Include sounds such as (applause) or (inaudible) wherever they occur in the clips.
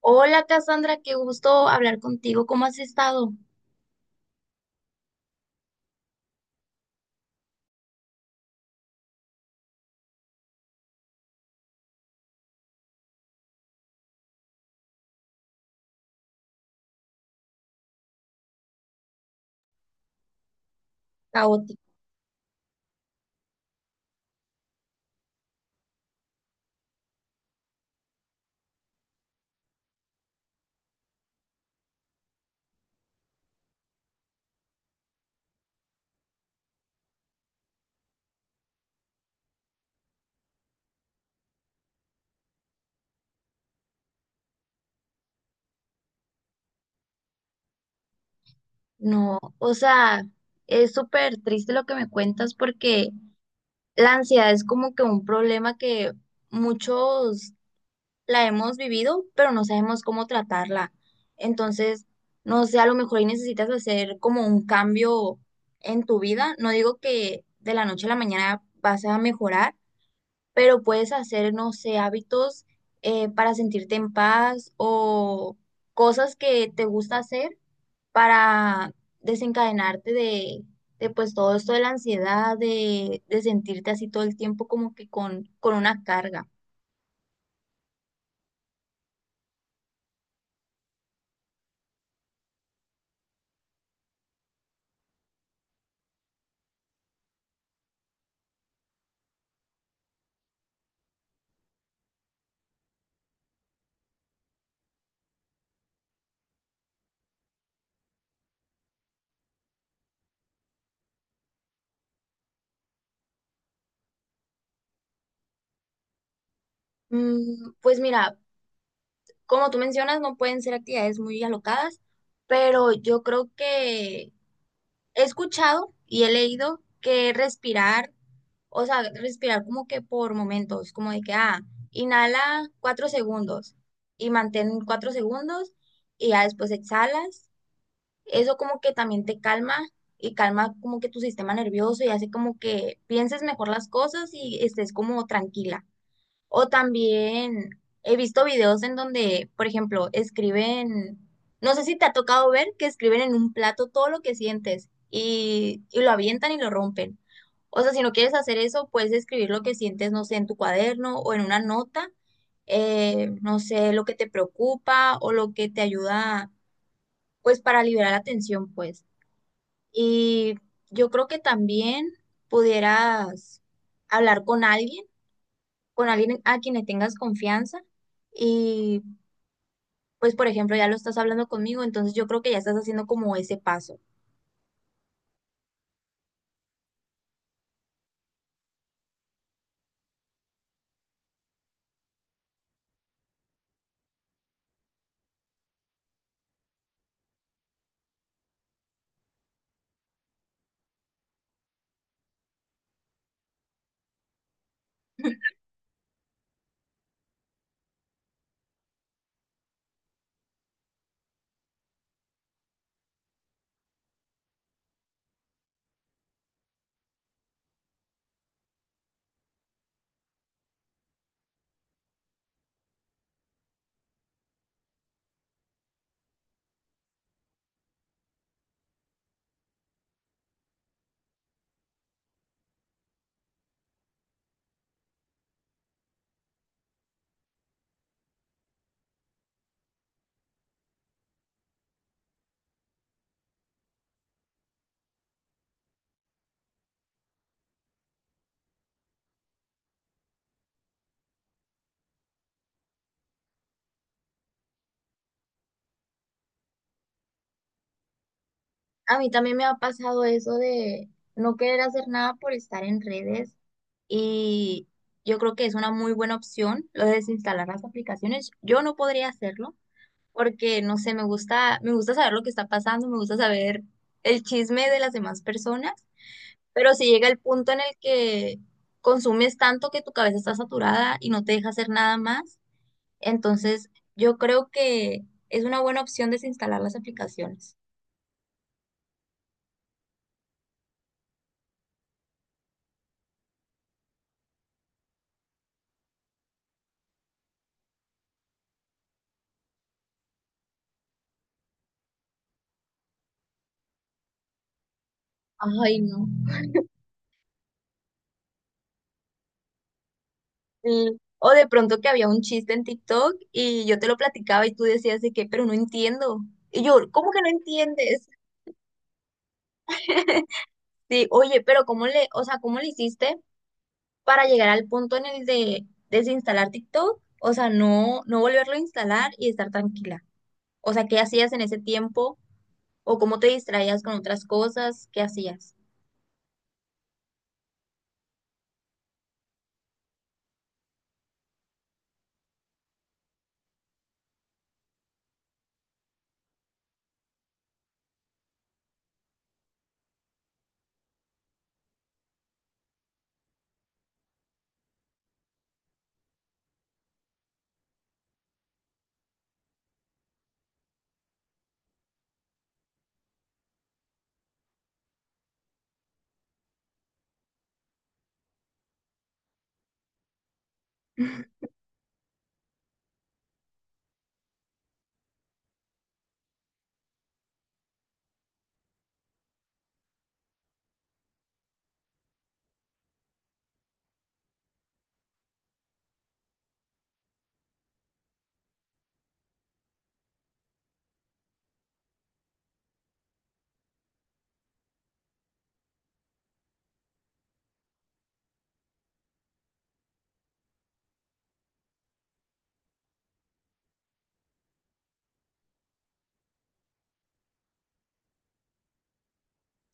Hola Cassandra, qué gusto hablar contigo. ¿Cómo has estado? Caótico. No, o sea, es súper triste lo que me cuentas porque la ansiedad es como que un problema que muchos la hemos vivido, pero no sabemos cómo tratarla. Entonces, no sé, a lo mejor ahí necesitas hacer como un cambio en tu vida. No digo que de la noche a la mañana vas a mejorar, pero puedes hacer, no sé, hábitos para sentirte en paz o cosas que te gusta hacer para desencadenarte de pues todo esto de la ansiedad, de sentirte así todo el tiempo como que con una carga. Pues mira, como tú mencionas, no pueden ser actividades muy alocadas, pero yo creo que he escuchado y he leído que respirar. O sea, respirar como que por momentos, como de que, ah, inhala 4 segundos y mantén 4 segundos y ya después exhalas. Eso como que también te calma y calma como que tu sistema nervioso y hace como que pienses mejor las cosas y estés como tranquila. O también he visto videos en donde, por ejemplo, escriben, no sé si te ha tocado ver que escriben en un plato todo lo que sientes y lo avientan y lo rompen. O sea, si no quieres hacer eso, puedes escribir lo que sientes, no sé, en tu cuaderno o en una nota, no sé, lo que te preocupa o lo que te ayuda, pues, para liberar la tensión, pues. Y yo creo que también pudieras hablar con alguien, con alguien a quien le tengas confianza y pues por ejemplo ya lo estás hablando conmigo, entonces yo creo que ya estás haciendo como ese paso. A mí también me ha pasado eso de no querer hacer nada por estar en redes y yo creo que es una muy buena opción lo de desinstalar las aplicaciones. Yo no podría hacerlo porque no sé, me gusta saber lo que está pasando, me gusta saber el chisme de las demás personas. Pero si llega el punto en el que consumes tanto que tu cabeza está saturada y no te deja hacer nada más, entonces yo creo que es una buena opción desinstalar las aplicaciones. Ay, no. Sí. O de pronto que había un chiste en TikTok y yo te lo platicaba y tú decías de que, pero no entiendo. Y yo, ¿cómo que no entiendes? (laughs) Sí, oye, pero ¿cómo le, o sea, cómo le hiciste para llegar al punto en el de desinstalar TikTok? O sea, no, no volverlo a instalar y estar tranquila. O sea, ¿qué hacías en ese tiempo? ¿O cómo te distraías con otras cosas? ¿Qué hacías?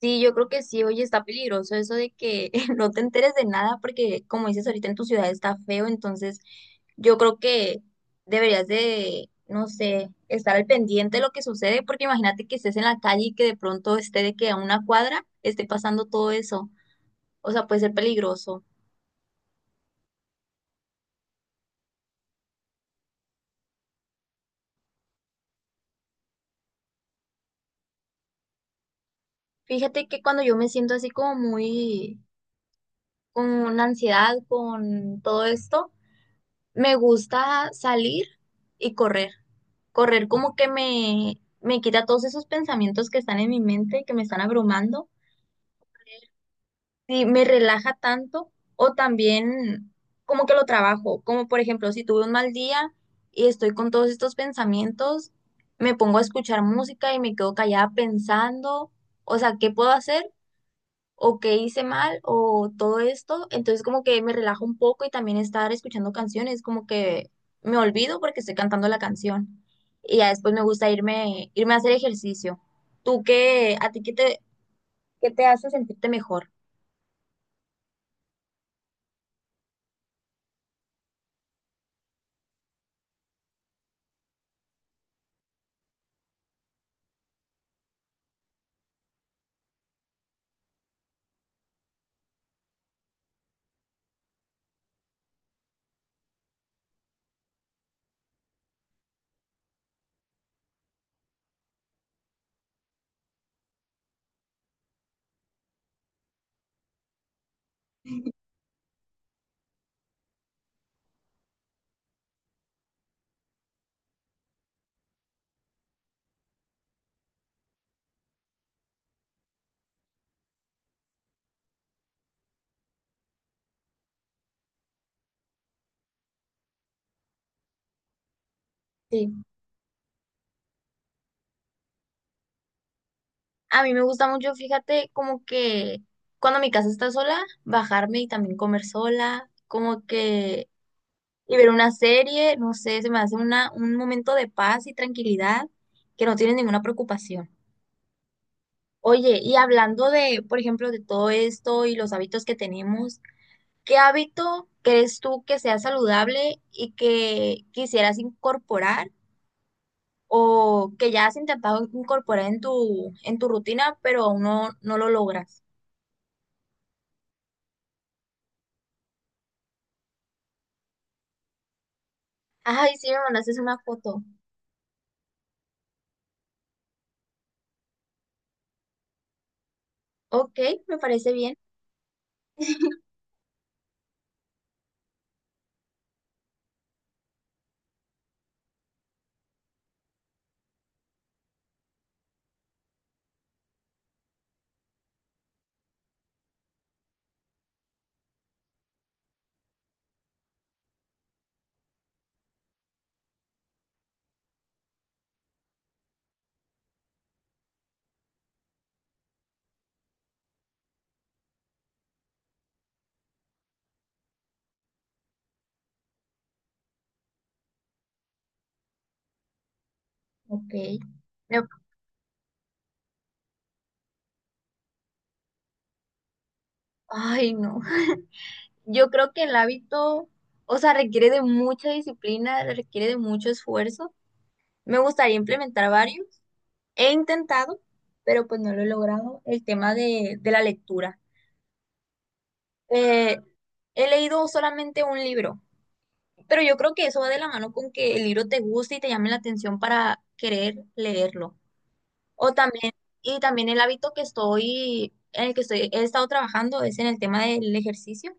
Sí, yo creo que sí, oye, está peligroso eso de que (laughs) no te enteres de nada porque, como dices ahorita, en tu ciudad está feo, entonces yo creo que deberías de, no sé, estar al pendiente de lo que sucede porque imagínate que estés en la calle y que de pronto esté de que a una cuadra esté pasando todo eso. O sea, puede ser peligroso. Fíjate que cuando yo me siento así como muy con ansiedad, con todo esto, me gusta salir y correr. Correr como que me quita todos esos pensamientos que están en mi mente, que me están abrumando. Y me relaja tanto. O también como que lo trabajo. Como por ejemplo, si tuve un mal día y estoy con todos estos pensamientos, me pongo a escuchar música y me quedo callada pensando. O sea, ¿qué puedo hacer o qué hice mal o todo esto? Entonces como que me relajo un poco y también estar escuchando canciones, como que me olvido porque estoy cantando la canción y ya después me gusta irme a hacer ejercicio. ¿Tú qué, a ti qué te hace sentirte mejor? Sí, a mí me gusta mucho, fíjate, como que cuando mi casa está sola, bajarme y también comer sola, como que... Y ver una serie, no sé, se me hace una, un momento de paz y tranquilidad que no tiene ninguna preocupación. Oye, y hablando de, por ejemplo, de todo esto y los hábitos que tenemos, ¿qué hábito crees tú que sea saludable y que quisieras incorporar o que ya has intentado incorporar en tu rutina, pero aún no, no lo logras? Ay, sí, me mandaste una foto. Ok, me parece bien. Ok. Me- Ay, no. (laughs) Yo creo que el hábito, o sea, requiere de mucha disciplina, requiere de mucho esfuerzo. Me gustaría implementar varios. He intentado, pero pues no lo he logrado, el tema de la lectura. Eh, He leído solamente un libro, pero yo creo que eso va de la mano con que el libro te guste y te llame la atención para querer leerlo. O también, y también el hábito que estoy, en el que estoy, he estado trabajando es en el tema del ejercicio,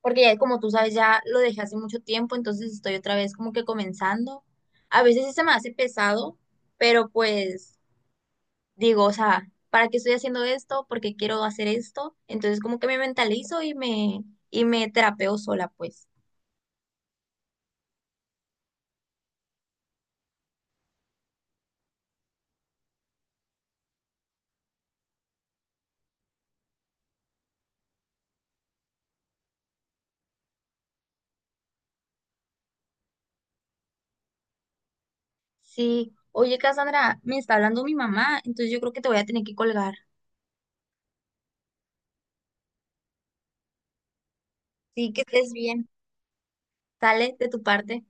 porque ya como tú sabes, ya lo dejé hace mucho tiempo, entonces estoy otra vez como que comenzando. A veces sí se me hace pesado, pero pues digo, o sea, ¿para qué estoy haciendo esto? ¿Por qué quiero hacer esto? Entonces como que me mentalizo y me terapeo sola, pues. Sí, oye, Cassandra, me está hablando mi mamá, entonces yo creo que te voy a tener que colgar. Sí, que estés bien. Sale de tu parte.